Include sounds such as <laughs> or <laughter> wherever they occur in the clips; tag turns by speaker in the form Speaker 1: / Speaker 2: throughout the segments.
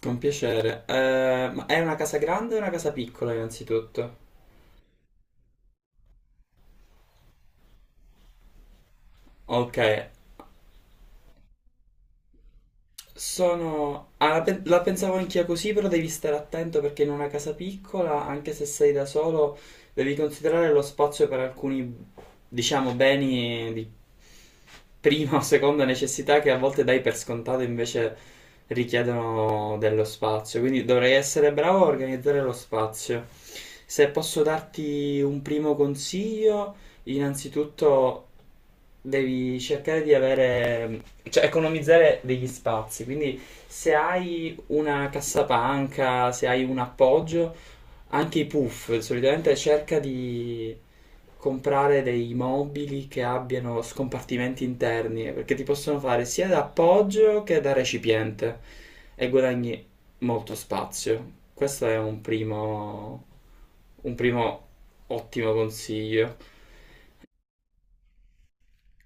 Speaker 1: Con piacere. Ma è una casa grande o una casa piccola innanzitutto? Ok. Sono... ah, la, pe- La pensavo anch'io così, però devi stare attento perché in una casa piccola, anche se sei da solo, devi considerare lo spazio per alcuni, diciamo, beni di prima o seconda necessità che a volte dai per scontato invece richiedono dello spazio. Quindi dovrei essere bravo a organizzare lo spazio. Se posso darti un primo consiglio, innanzitutto devi cercare di avere cioè economizzare degli spazi. Quindi se hai una cassapanca, se hai un appoggio, anche i puff solitamente cerca di comprare dei mobili che abbiano scompartimenti interni, perché ti possono fare sia da appoggio che da recipiente e guadagni molto spazio. Questo è un primo ottimo consiglio.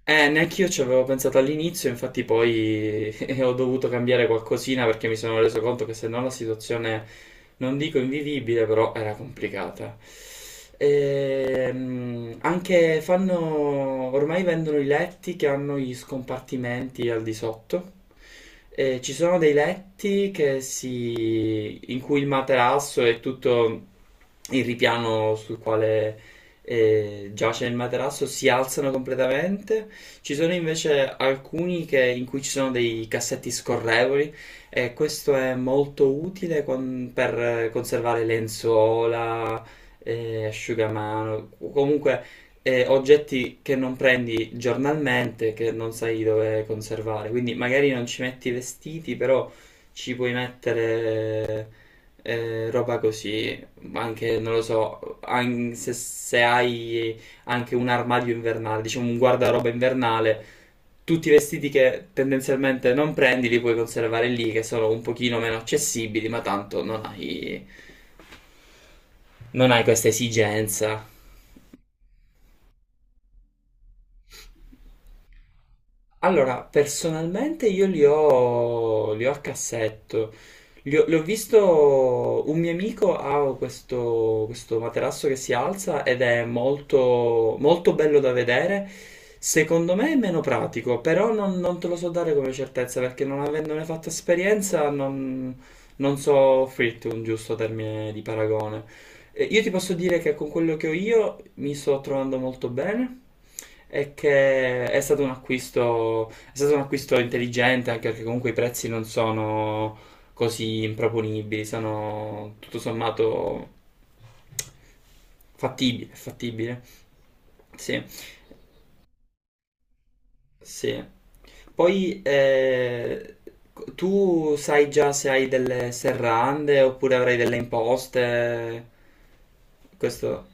Speaker 1: Neanche io ci avevo pensato all'inizio, infatti poi <laughs> ho dovuto cambiare qualcosina perché mi sono reso conto che se no la situazione, non dico invivibile, però era complicata. Anche fanno, ormai vendono i letti che hanno gli scompartimenti al di sotto. E ci sono dei letti che si, in cui il materasso è tutto il ripiano sul quale giace il materasso si alzano completamente, ci sono invece in cui ci sono dei cassetti scorrevoli e questo è molto utile per conservare lenzuola, asciugamano, comunque oggetti che non prendi giornalmente, che non sai dove conservare. Quindi magari non ci metti i vestiti, però ci puoi mettere roba così, anche non lo so, se, se hai anche un armadio invernale, diciamo un guardaroba invernale. Tutti i vestiti che tendenzialmente non prendi li puoi conservare lì, che sono un pochino meno accessibili, ma tanto non hai, non hai questa esigenza. Allora, personalmente io li ho a cassetto. Li ho visto, un mio amico ha questo materasso che si alza ed è molto, molto bello da vedere. Secondo me è meno pratico, però non, non te lo so dare come certezza perché non avendone fatto esperienza non, non so offrirti un giusto termine di paragone. Io ti posso dire che con quello che ho io mi sto trovando molto bene e che è stato un acquisto intelligente anche perché comunque i prezzi non sono così improponibili, sono tutto sommato fattibile, fattibile. Sì, sì. Poi tu sai già se hai delle serrande oppure avrai delle imposte? Questo.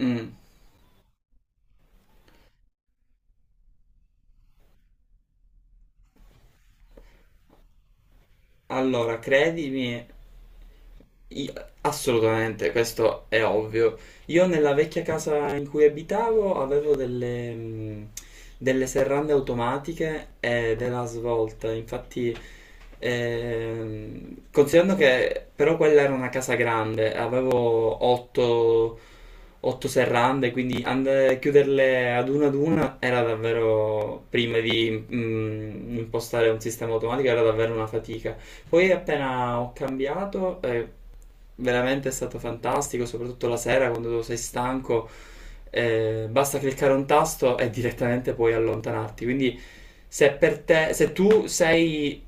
Speaker 1: Mm. Allora, credimi, io- assolutamente, questo è ovvio. Io nella vecchia casa in cui abitavo avevo delle, delle serrande automatiche e della svolta, infatti... Considerando che però quella era una casa grande, avevo 8 serrande, quindi chiuderle ad una era davvero, prima di impostare un sistema automatico, era davvero una fatica. Poi appena ho cambiato, veramente è stato fantastico, soprattutto la sera quando tu sei stanco, basta cliccare un tasto e direttamente puoi allontanarti. Quindi se per te, se tu sei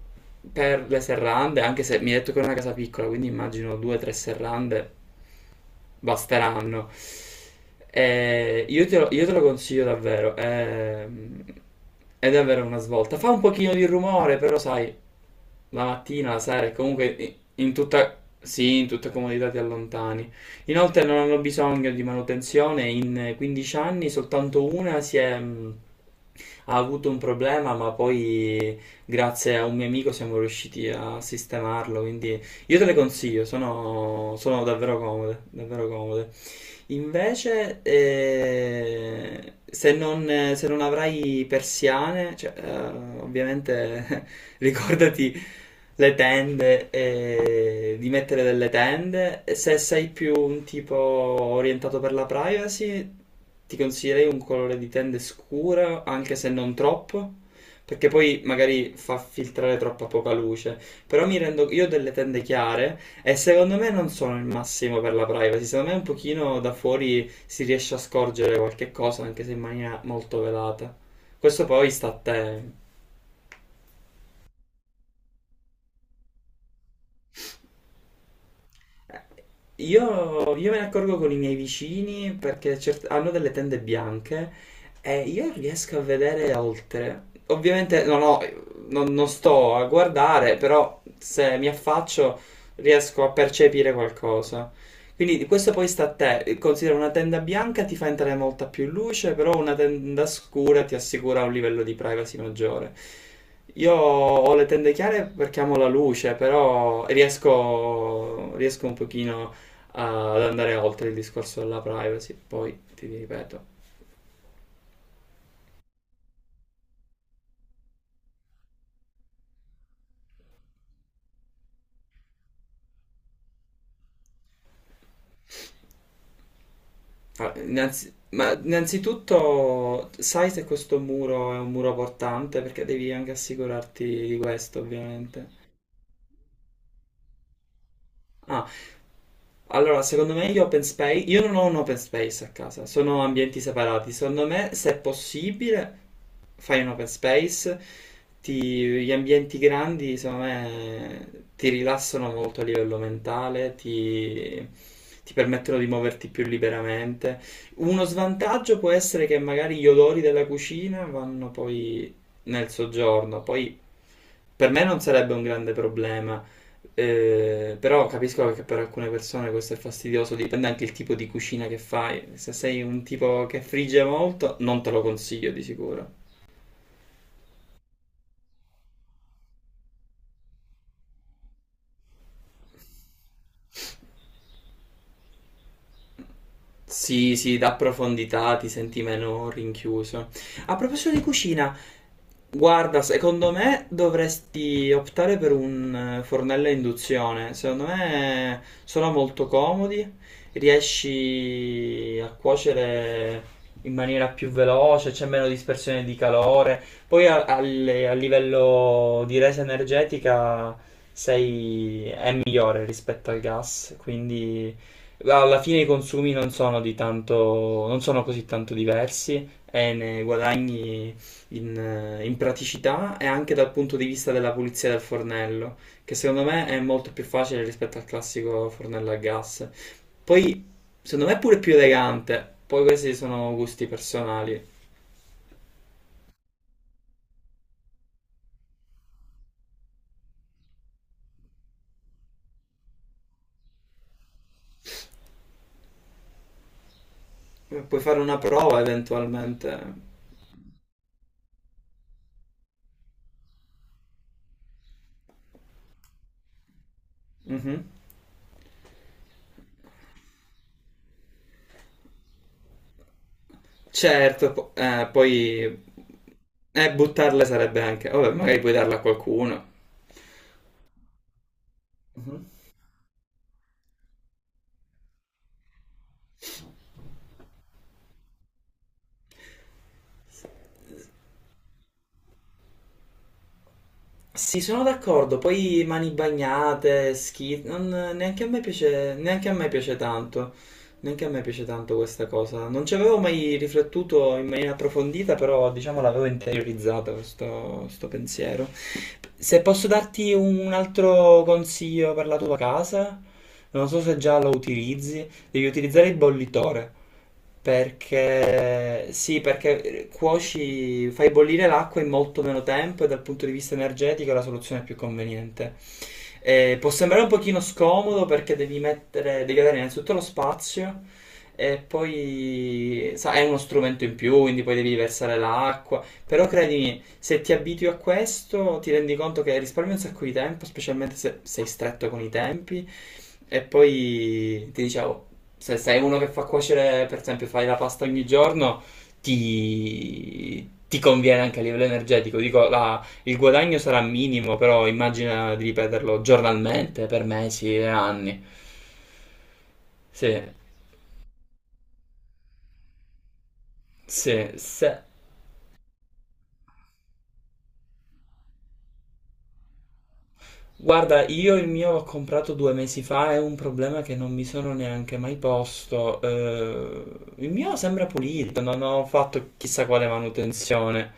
Speaker 1: per le serrande, anche se mi hai detto che è una casa piccola, quindi immagino 2 o 3 serrande, basteranno. Io te lo consiglio davvero. È davvero una svolta. Fa un pochino di rumore, però sai, la mattina, la sera, e comunque in tutta, sì, in tutta comodità ti allontani. Inoltre non hanno bisogno di manutenzione. In 15 anni soltanto una si è... ha avuto un problema, ma poi grazie a un mio amico siamo riusciti a sistemarlo, quindi io te le consiglio, sono, sono davvero comode, davvero comode. Invece, se non, se non avrai persiane, cioè, ovviamente <laughs> ricordati le tende, di mettere delle tende. E se sei più un tipo orientato per la privacy, ti consiglierei un colore di tende scuro, anche se non troppo, perché poi magari fa filtrare troppa poca luce. Però mi rendo, io ho delle tende chiare e secondo me non sono il massimo per la privacy, secondo me un pochino da fuori si riesce a scorgere qualche cosa, anche se in maniera molto velata. Questo poi sta a te. Eh, io me ne accorgo con i miei vicini perché hanno delle tende bianche e io riesco a vedere oltre. Ovviamente no, no, non, non sto a guardare, però se mi affaccio riesco a percepire qualcosa. Quindi questo poi sta a te, considera una tenda bianca ti fa entrare molta più luce, però una tenda scura ti assicura un livello di privacy maggiore. Io ho le tende chiare perché amo la luce, però riesco, riesco un pochino ad andare oltre il discorso della privacy, poi ti ripeto. Ma innanzitutto sai se questo muro è un muro portante, perché devi anche assicurarti di questo, ovviamente. Ah, Allora, secondo me gli open space, io non ho un open space a casa, sono ambienti separati. Secondo me, se è possibile, fai un open space, gli ambienti grandi, secondo me, ti rilassano molto a livello mentale, ti permettono di muoverti più liberamente. Uno svantaggio può essere che magari gli odori della cucina vanno poi nel soggiorno, poi per me non sarebbe un grande problema, però capisco che per alcune persone questo è fastidioso, dipende anche il tipo di cucina che fai. Se sei un tipo che frigge molto, non te lo consiglio di sicuro. Sì, sì, dà profondità, ti senti meno rinchiuso. A proposito di cucina, guarda, secondo me dovresti optare per un fornello a induzione. Secondo me sono molto comodi, riesci a cuocere in maniera più veloce, c'è meno dispersione di calore. Poi a livello di resa energetica è migliore rispetto al gas, quindi... Alla fine i consumi non sono di tanto, non sono così tanto diversi e ne guadagni in praticità e anche dal punto di vista della pulizia del fornello, che secondo me è molto più facile rispetto al classico fornello a gas. Poi, secondo me è pure più elegante, poi questi sono gusti personali. Puoi fare una prova eventualmente. Mhm. Certo, poi buttarle sarebbe anche... Vabbè, magari puoi darla a qualcuno. Mhm. Sì, sono d'accordo, poi mani bagnate, schi... non- neanche a me piace, neanche a me piace tanto, neanche a me piace tanto questa cosa. Non ci avevo mai riflettuto in maniera approfondita, però diciamo l'avevo interiorizzata questo, questo pensiero. Se posso darti un altro consiglio per la tua casa, non so se già lo utilizzi, devi utilizzare il bollitore perché sì, perché cuoci, fai bollire l'acqua in molto meno tempo e dal punto di vista energetico è la soluzione più conveniente. Può sembrare un pochino scomodo perché devi mettere, devi avere innanzitutto lo spazio e poi sa, è uno strumento in più, quindi poi devi versare l'acqua, però credimi, se ti abitui a questo, ti rendi conto che risparmi un sacco di tempo, specialmente se sei stretto con i tempi. E poi ti dicevo, se sei uno che fa cuocere, per esempio, fai la pasta ogni giorno, ti conviene anche a livello energetico. Dico, il guadagno sarà minimo, però immagina di ripeterlo giornalmente per mesi e anni. Sì, sì, se... Guarda, io il mio l'ho comprato 2 mesi fa, è un problema che non mi sono neanche mai posto. Il mio sembra pulito, non ho fatto chissà quale manutenzione.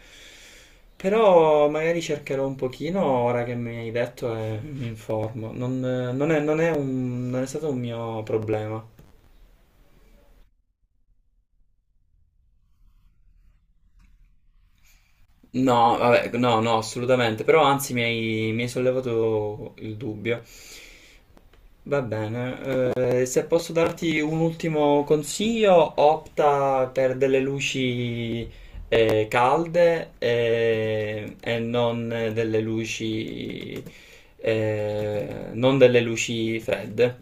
Speaker 1: Però magari cercherò un pochino ora che mi hai detto e mi informo. Non, non è, non è stato un mio problema. No, vabbè, no, no, assolutamente, però anzi mi hai sollevato il dubbio. Va bene, se posso darti un ultimo consiglio, opta per delle luci calde e non delle luci, eh, non delle luci fredde.